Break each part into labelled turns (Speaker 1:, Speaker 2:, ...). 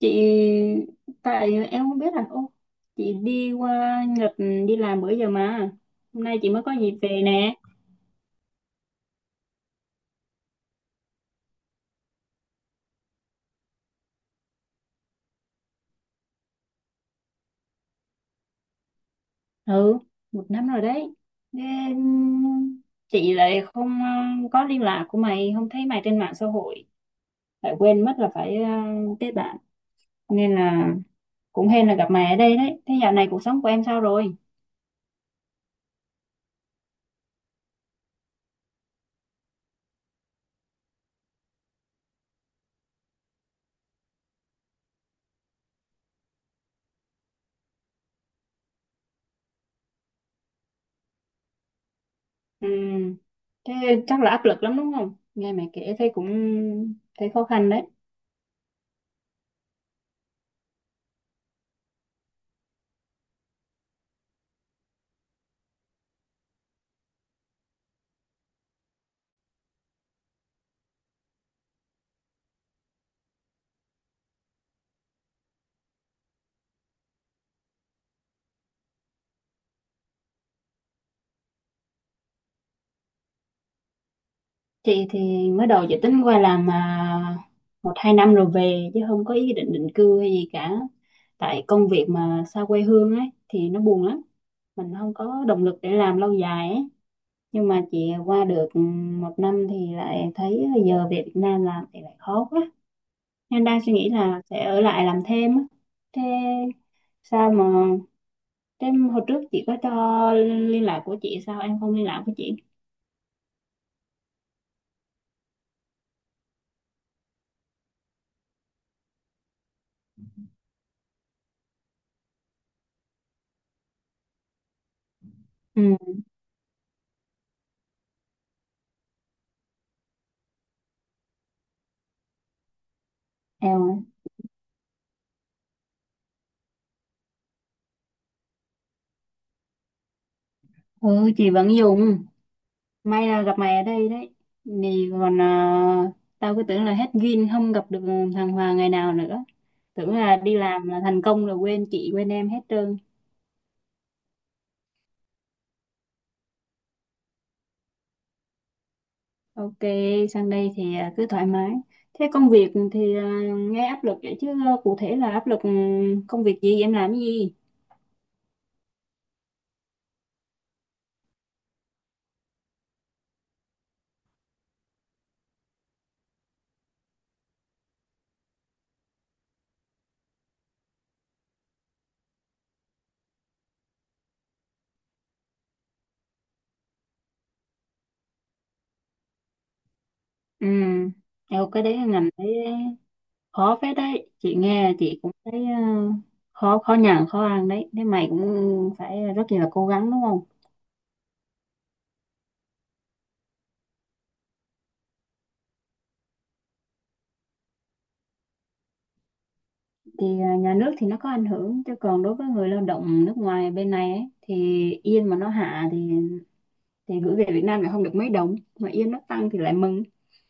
Speaker 1: Chị, tại em không biết là chị đi qua Nhật đi làm bữa giờ mà hôm nay chị mới có dịp về nè. Ừ, một năm rồi đấy, nên chị lại không có liên lạc của mày, không thấy mày trên mạng xã hội, lại quên mất là phải kết bạn, nên là cũng hên là gặp mày ở đây đấy. Thế dạo này cuộc sống của em sao rồi? Ừ, thế chắc là áp lực lắm đúng không? Nghe mày kể thấy cũng thấy khó khăn đấy. Thì mới đầu dự tính qua làm mà một hai năm rồi về, chứ không có ý định định cư hay gì cả. Tại công việc mà xa quê hương ấy thì nó buồn lắm, mình không có động lực để làm lâu dài ấy. Nhưng mà chị qua được một năm thì lại thấy giờ về Việt Nam làm thì lại khó quá, nên đang suy nghĩ là sẽ ở lại làm thêm á. Thế sao mà Thế hồi trước chị có cho liên lạc của chị, sao em không liên lạc với chị? Ừ, em. Ừ, chị vẫn dùng. May là gặp mày ở đây đấy. Thì còn tao cứ tưởng là hết duyên không gặp được thằng Hoàng ngày nào nữa. Tưởng là đi làm là thành công rồi quên chị quên em hết trơn. Ok, sang đây thì cứ thoải mái. Thế công việc thì nghe áp lực vậy chứ cụ thể là áp lực công việc gì, em làm cái gì? Ừ, theo cái đấy, ngành đấy khó phết đấy. Chị nghe chị cũng thấy khó khó nhằn, khó ăn đấy. Thế mày cũng phải rất là cố gắng đúng không? Thì nhà nước thì nó có ảnh hưởng, chứ còn đối với người lao động nước ngoài bên này ấy, thì yên mà nó hạ thì gửi về Việt Nam lại không được mấy đồng, mà yên nó tăng thì lại mừng.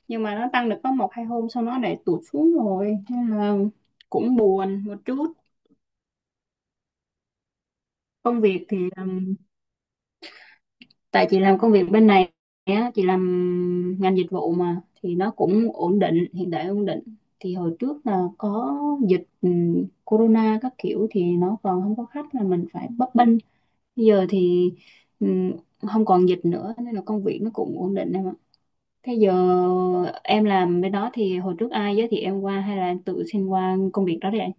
Speaker 1: Nhưng mà nó tăng được có một hai hôm sau nó lại tụt xuống rồi, nên là cũng buồn một chút. Công việc thì tại chị làm công việc bên này á, chị làm ngành dịch vụ mà, thì nó cũng ổn định, hiện tại ổn định. Thì hồi trước là có dịch corona các kiểu thì nó còn không có khách, là mình phải bấp bênh. Bây giờ thì ừm, không còn dịch nữa, nên là công việc nó cũng ổn định em ạ. Thế giờ em làm bên đó thì hồi trước ai giới thiệu em qua hay là em tự xin qua công việc đó đấy anh?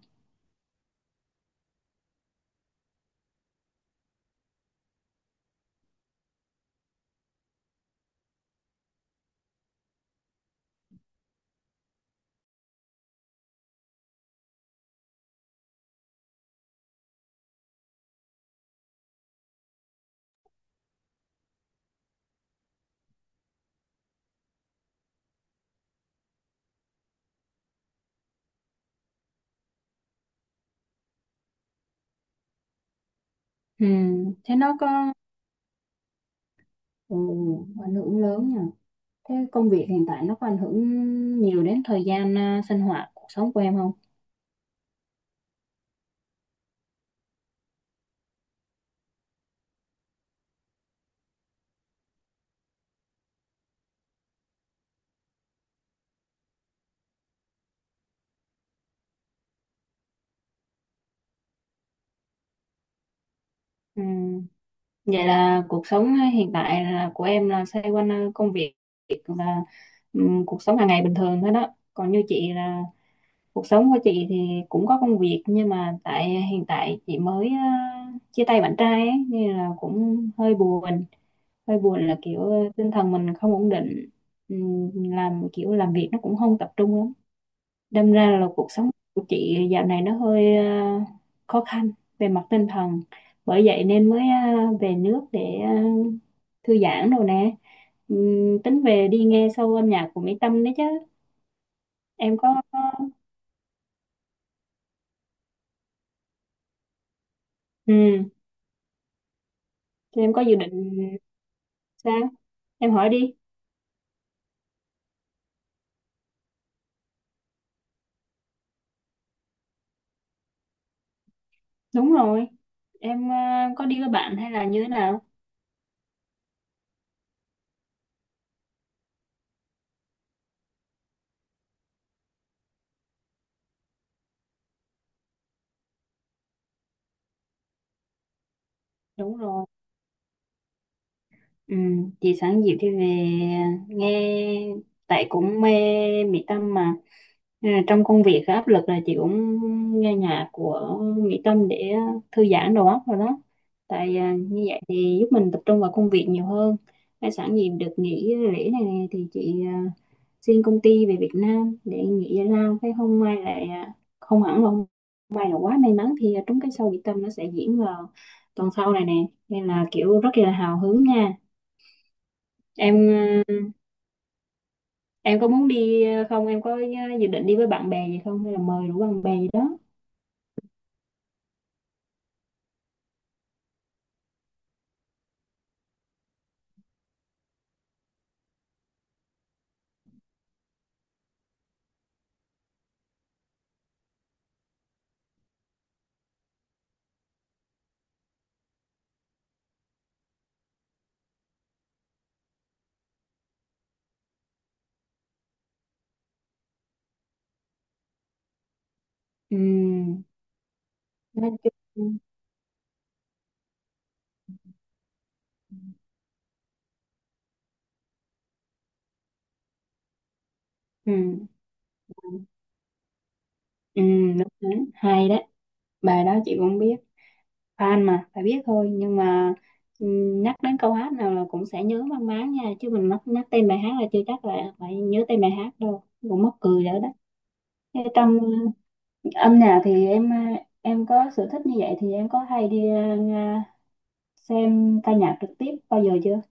Speaker 1: Thế nó có ừ, ảnh hưởng lớn nhỉ? Thế công việc hiện tại nó có ảnh hưởng nhiều đến thời gian sinh hoạt cuộc sống của em không? Ừm, Vậy là cuộc sống hiện tại là của em là xoay quanh công việc và cuộc sống hàng ngày bình thường thôi đó. Còn như chị là, cuộc sống của chị thì cũng có công việc, nhưng mà tại hiện tại chị mới chia tay bạn trai ấy, nên là cũng hơi buồn. Hơi buồn là kiểu tinh thần mình không ổn định. Làm kiểu làm việc nó cũng không tập trung lắm, đâm ra là cuộc sống của chị dạo này nó hơi khó khăn về mặt tinh thần. Bởi vậy nên mới về nước để thư giãn đồ nè. Tính về đi nghe show âm nhạc của Mỹ Tâm đấy chứ. Em có? Ừ. Thì em có dự định sao? Em hỏi đi. Đúng rồi. Em có đi với bạn hay là như thế nào? Đúng rồi. Ừ, chị sáng dịu thì về nghe, tại cũng mê Mỹ Tâm mà. Nên là trong công việc có áp lực là chị cũng nghe nhạc của Mỹ Tâm để thư giãn đầu óc rồi đó, tại như vậy thì giúp mình tập trung vào công việc nhiều hơn. Hay sẵn dịp được nghỉ lễ này nè thì chị xin công ty về Việt Nam để nghỉ giải lao. Cái hôm mai lại không hẳn là hôm mai, là quá may mắn thì trúng cái show Mỹ Tâm, nó sẽ diễn vào tuần sau này nè, nên là kiểu rất là hào hứng nha. em ờ, em có muốn đi không? Em có dự định đi với bạn bè gì không, hay là mời đủ bạn bè gì đó? Ừ, nói chung. Ừ, ừ, đúng đấy. Hay đấy, bài đó chị cũng biết, fan mà phải biết thôi. Nhưng mà ừ, nhắc đến câu hát nào là cũng sẽ nhớ mang máng nha, chứ mình nhắc tên bài hát là chưa chắc là phải nhớ tên bài hát đâu. Cũng mắc cười rồi đó. Thế trong âm nhạc thì em có sở thích như vậy, thì em có hay đi xem ca nhạc trực tiếp bao giờ chưa?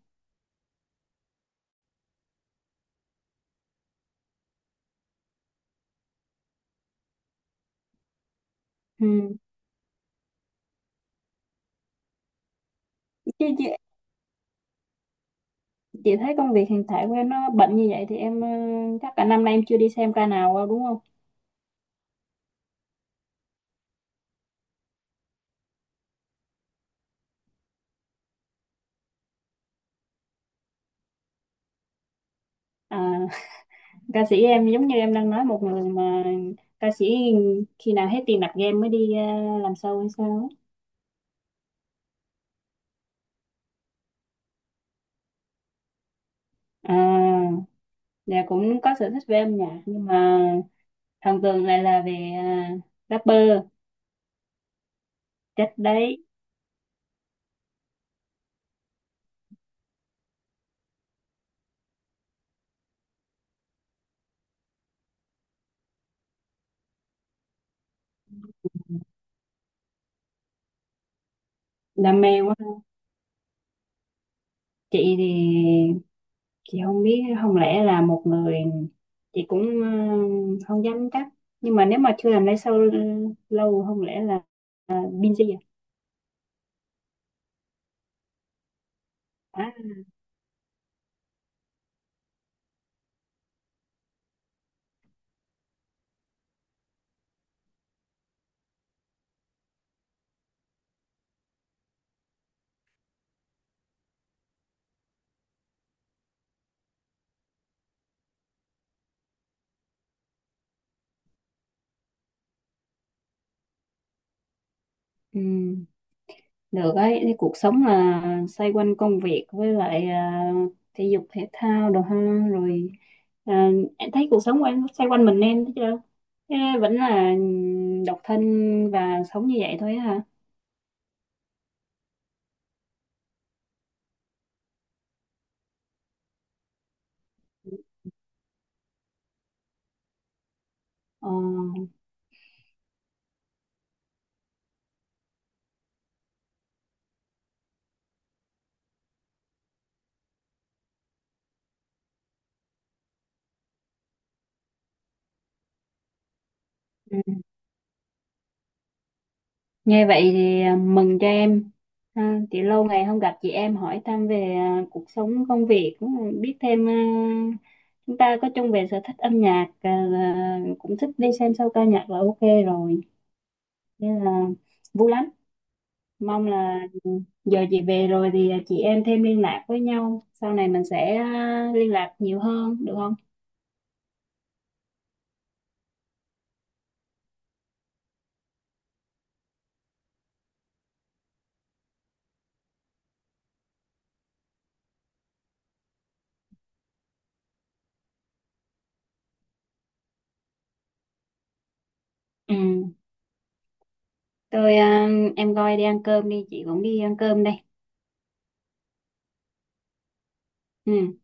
Speaker 1: Ừ. Chứ chị thấy công việc hiện tại của em nó bận như vậy, thì em chắc cả năm nay em chưa đi xem ca nào đâu đúng không? À, ca sĩ em giống như em đang nói một người mà, ca sĩ khi nào hết tiền đặt game mới đi làm show hay sao ấy? À, dạ cũng có sở thích về âm nhạc, nhưng mà thần tượng lại là về rapper. Chắc đấy, đam mê quá. Chị thì chị không biết, không lẽ là một người chị cũng không dám chắc, nhưng mà nếu mà chưa làm lái sau lâu, không lẽ là busy à? à ừm, Được ấy, thì cuộc sống là xoay quanh công việc với lại thể dục thể thao đồ ha. Rồi ờ, em thấy cuộc sống của em xoay quanh mình, em thấy chưa? Thế vẫn là độc thân và sống như vậy thôi á hả? Ờ. Ừ. Nghe vậy thì mừng cho em. À, chị lâu ngày không gặp, chị em hỏi thăm về cuộc sống công việc, cũng biết thêm chúng ta có chung về sở thích âm nhạc là cũng thích đi xem show ca nhạc là ok rồi, nên là vui lắm. Mong là giờ chị về rồi thì chị em thêm liên lạc với nhau, sau này mình sẽ liên lạc nhiều hơn, được không? Ừ. tôi à, em coi đi ăn cơm đi, chị cũng đi ăn cơm đây. Ừ.